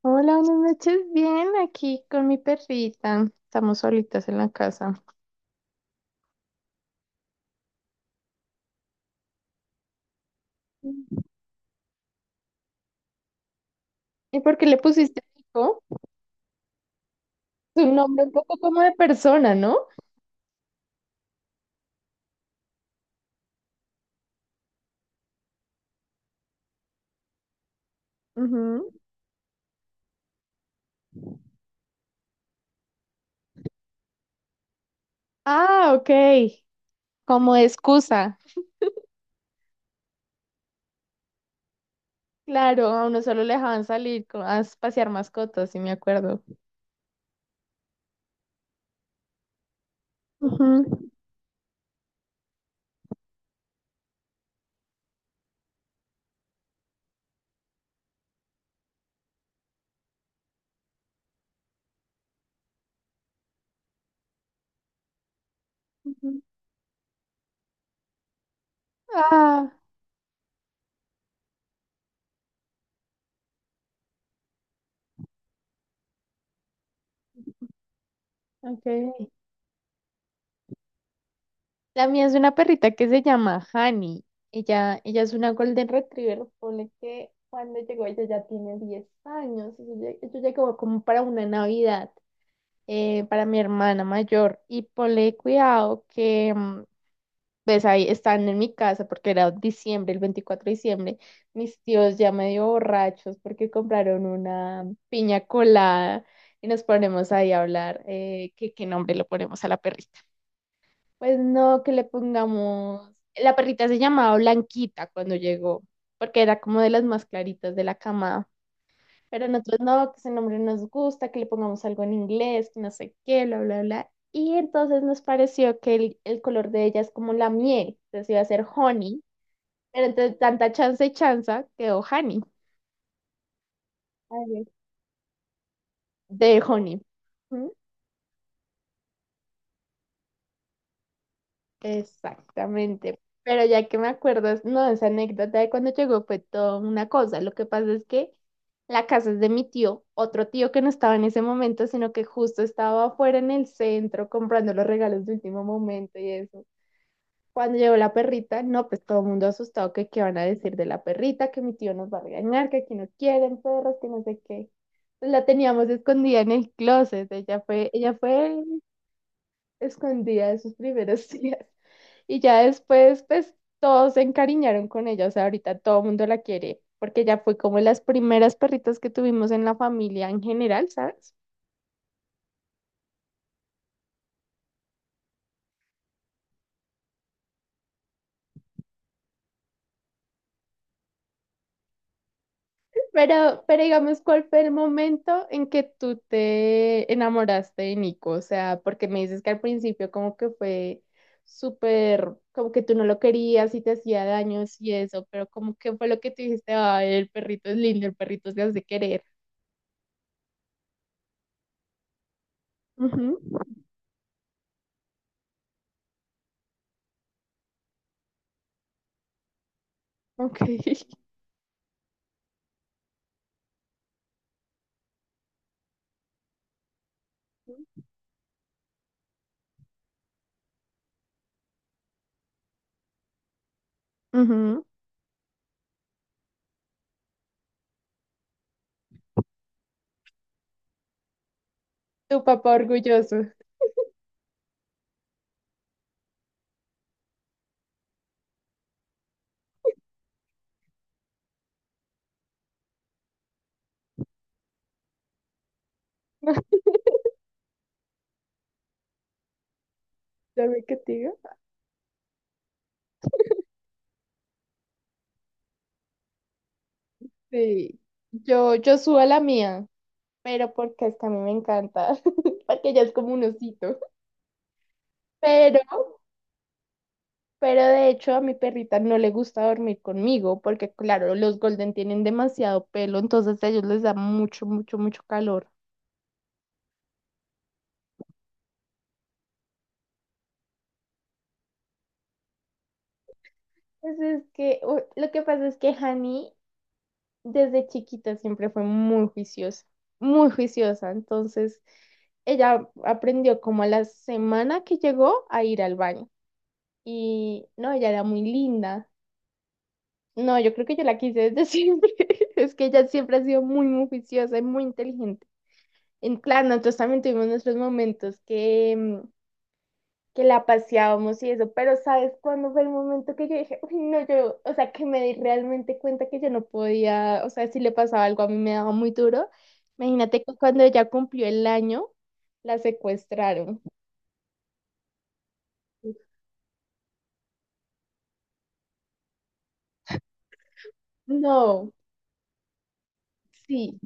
Hola, buenas noches. Bien, aquí con mi perrita. Estamos solitas en la casa. ¿Y por qué le pusiste Nico? Es un nombre un poco como de persona, ¿no? Ujú. Ah, ok. Como de excusa. Claro, a uno solo le dejaban salir a pasear mascotas, si me acuerdo. Ujú. Ujú. Ah, ok. La mía es una perrita que se llama Hani. Ella es una Golden Retriever. Pone que cuando llegó ella ya tiene 10 años. Eso ya como, como para una Navidad, para mi hermana mayor. Y ponle cuidado que, pues ahí están en mi casa porque era diciembre, el 24 de diciembre. Mis tíos ya medio borrachos porque compraron una piña colada y nos ponemos ahí a hablar que qué nombre le ponemos a la perrita. Pues no, que le pongamos. La perrita se llamaba Blanquita cuando llegó, porque era como de las más claritas de la camada. Pero nosotros no, que ese nombre nos gusta, que le pongamos algo en inglés, que no sé qué, bla, bla, bla. Y entonces nos pareció que el color de ella es como la miel, entonces iba a ser honey, pero entre tanta chance y chanza quedó honey. Ay, de honey. Exactamente. Pero ya que me acuerdas, no, esa anécdota de cuando llegó fue toda una cosa. Lo que pasa es que la casa es de mi tío, otro tío que no estaba en ese momento, sino que justo estaba afuera en el centro comprando los regalos de último momento y eso. Cuando llegó la perrita, no, pues todo el mundo asustado que qué van a decir de la perrita, que mi tío nos va a regañar, que aquí no quieren perros, que no sé qué. Pues la teníamos escondida en el closet. Ella fue escondida de sus primeros días. Y ya después, pues todos se encariñaron con ella, o sea, ahorita todo el mundo la quiere, porque ya fue como las primeras perritas que tuvimos en la familia en general, ¿sabes? Pero digamos, ¿cuál fue el momento en que tú te enamoraste de Nico? O sea, porque me dices que al principio como que fue súper, como que tú no lo querías y te hacía daños y eso, pero como que fue lo que te dijiste, ay, el perrito es lindo, el perrito se hace querer. Ujú, ok. Ujú. Tu papá orgulloso. ¿Dame que te diga? Sí. Yo subo a la mía, pero porque es que a mí me encanta, porque ella es como un osito. Pero, pero de hecho a mi perrita no le gusta dormir conmigo, porque claro, los golden tienen demasiado pelo, entonces a ellos les da mucho, mucho, mucho calor. Entonces es que lo que pasa es que Hani desde chiquita siempre fue muy juiciosa, muy juiciosa. Entonces, ella aprendió como a la semana que llegó a ir al baño. Y no, ella era muy linda. No, yo creo que yo la quise desde siempre. Es que ella siempre ha sido muy, muy juiciosa y muy inteligente. En claro, nosotros también tuvimos nuestros momentos que, que la paseábamos y eso, pero ¿sabes cuándo fue el momento que yo dije, uy, no, yo, o sea, que me di realmente cuenta que yo no podía, o sea, si le pasaba algo a mí me daba muy duro. Imagínate que cuando ella cumplió el año, la secuestraron. No, sí.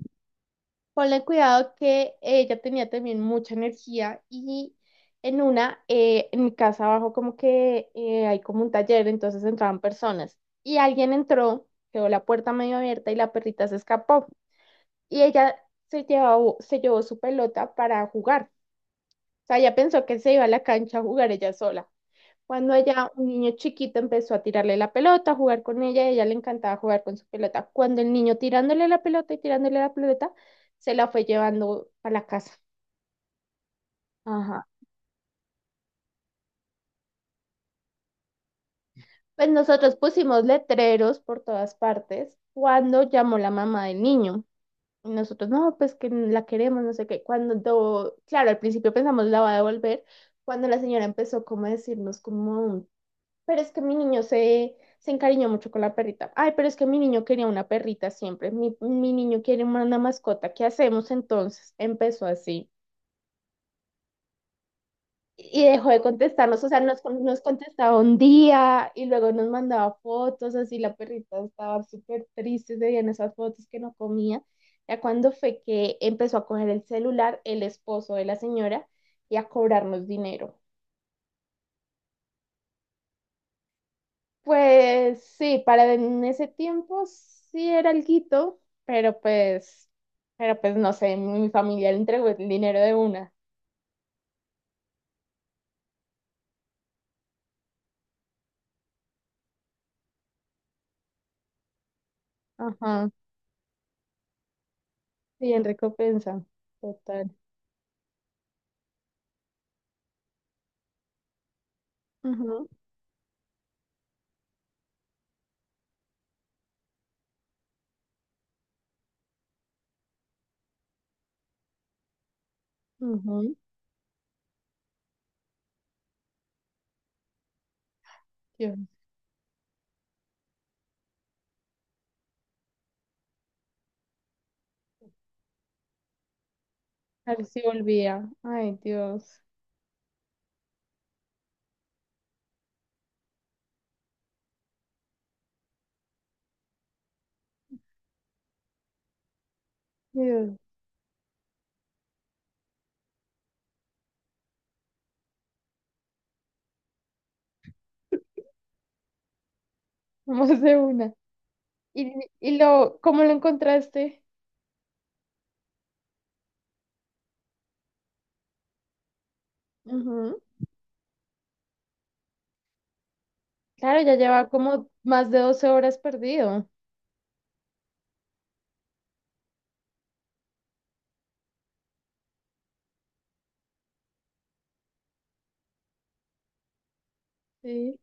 Ponle cuidado que ella tenía también mucha energía y en una, en mi casa abajo como que hay como un taller, entonces entraban personas y alguien entró, quedó la puerta medio abierta y la perrita se escapó. Y ella se llevó su pelota para jugar. O sea, ella pensó que se iba a la cancha a jugar ella sola. Cuando ella, un niño chiquito, empezó a tirarle la pelota, a jugar con ella, y a ella le encantaba jugar con su pelota. Cuando el niño tirándole la pelota y tirándole la pelota, se la fue llevando a la casa. Ajá. Pues nosotros pusimos letreros por todas partes cuando llamó la mamá del niño. Y nosotros, no, pues que la queremos, no sé qué. Cuando, claro, al principio pensamos la va a devolver, cuando la señora empezó como a decirnos como, pero es que mi niño se encariñó mucho con la perrita. Ay, pero es que mi niño quería una perrita siempre. Mi niño quiere una mascota. ¿Qué hacemos entonces? Empezó así. Y dejó de contestarnos, o sea, nos, nos contestaba un día y luego nos mandaba fotos, así la perrita estaba súper triste, se veían esas fotos que no comía. Ya cuando fue que empezó a coger el celular el esposo de la señora y a cobrarnos dinero. Pues sí, para en ese tiempo sí era alguito, pero pues no sé, mi familia le entregó el dinero de una. Ajá, sí, en recompensa, total. Ajá, ajá, qué. A ver si volvía. Ay, Dios. Dios. Vamos de una. ¿Y, y lo, cómo lo encontraste? Ujú. Claro, ya lleva como más de 12 horas perdido. Sí.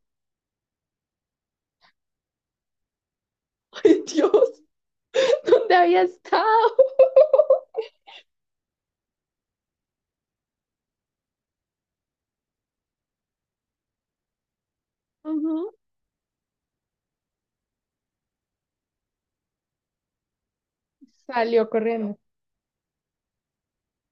¡Ay, Dios! ¿Dónde había estado? Ujú. Salió corriendo.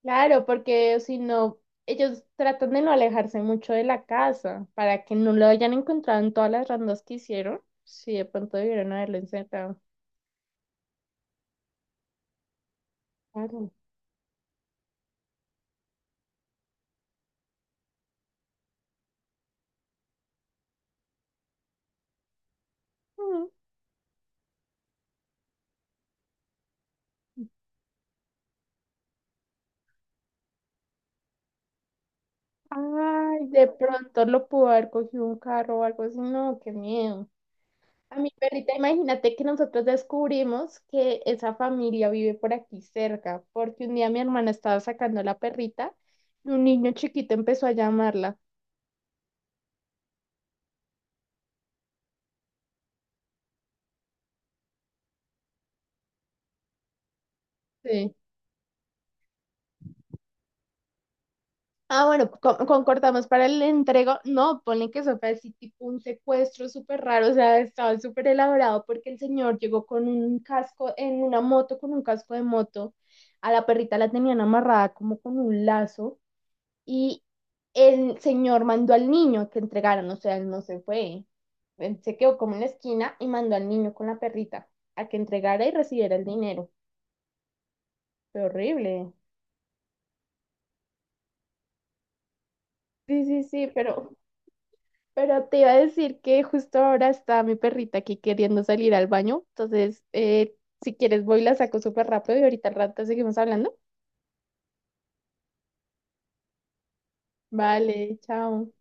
Claro, porque si no, ellos tratan de no alejarse mucho de la casa para que no lo hayan encontrado en todas las rondas que hicieron. Sí, de pronto debieron haberlo encerrado. Claro. Ay, de pronto lo pudo haber cogido un carro o algo así. No, qué miedo. A mi perrita, imagínate que nosotros descubrimos que esa familia vive por aquí cerca, porque un día mi hermana estaba sacando a la perrita y un niño chiquito empezó a llamarla. Sí. Ah, bueno, concordamos para el entrego. No, ponle que eso fue así, tipo un secuestro súper raro, o sea, estaba súper elaborado porque el señor llegó con un casco, en una moto, con un casco de moto. A la perrita la tenían amarrada como con un lazo y el señor mandó al niño a que entregaran, o sea, él no se fue. Él se quedó como en la esquina y mandó al niño con la perrita a que entregara y recibiera el dinero. Fue horrible. Sí, sí, sí, pero. Pero te iba a decir que justo ahora está mi perrita aquí queriendo salir al baño. Entonces, si quieres, voy y la saco súper rápido y ahorita al rato seguimos hablando. Vale, chao.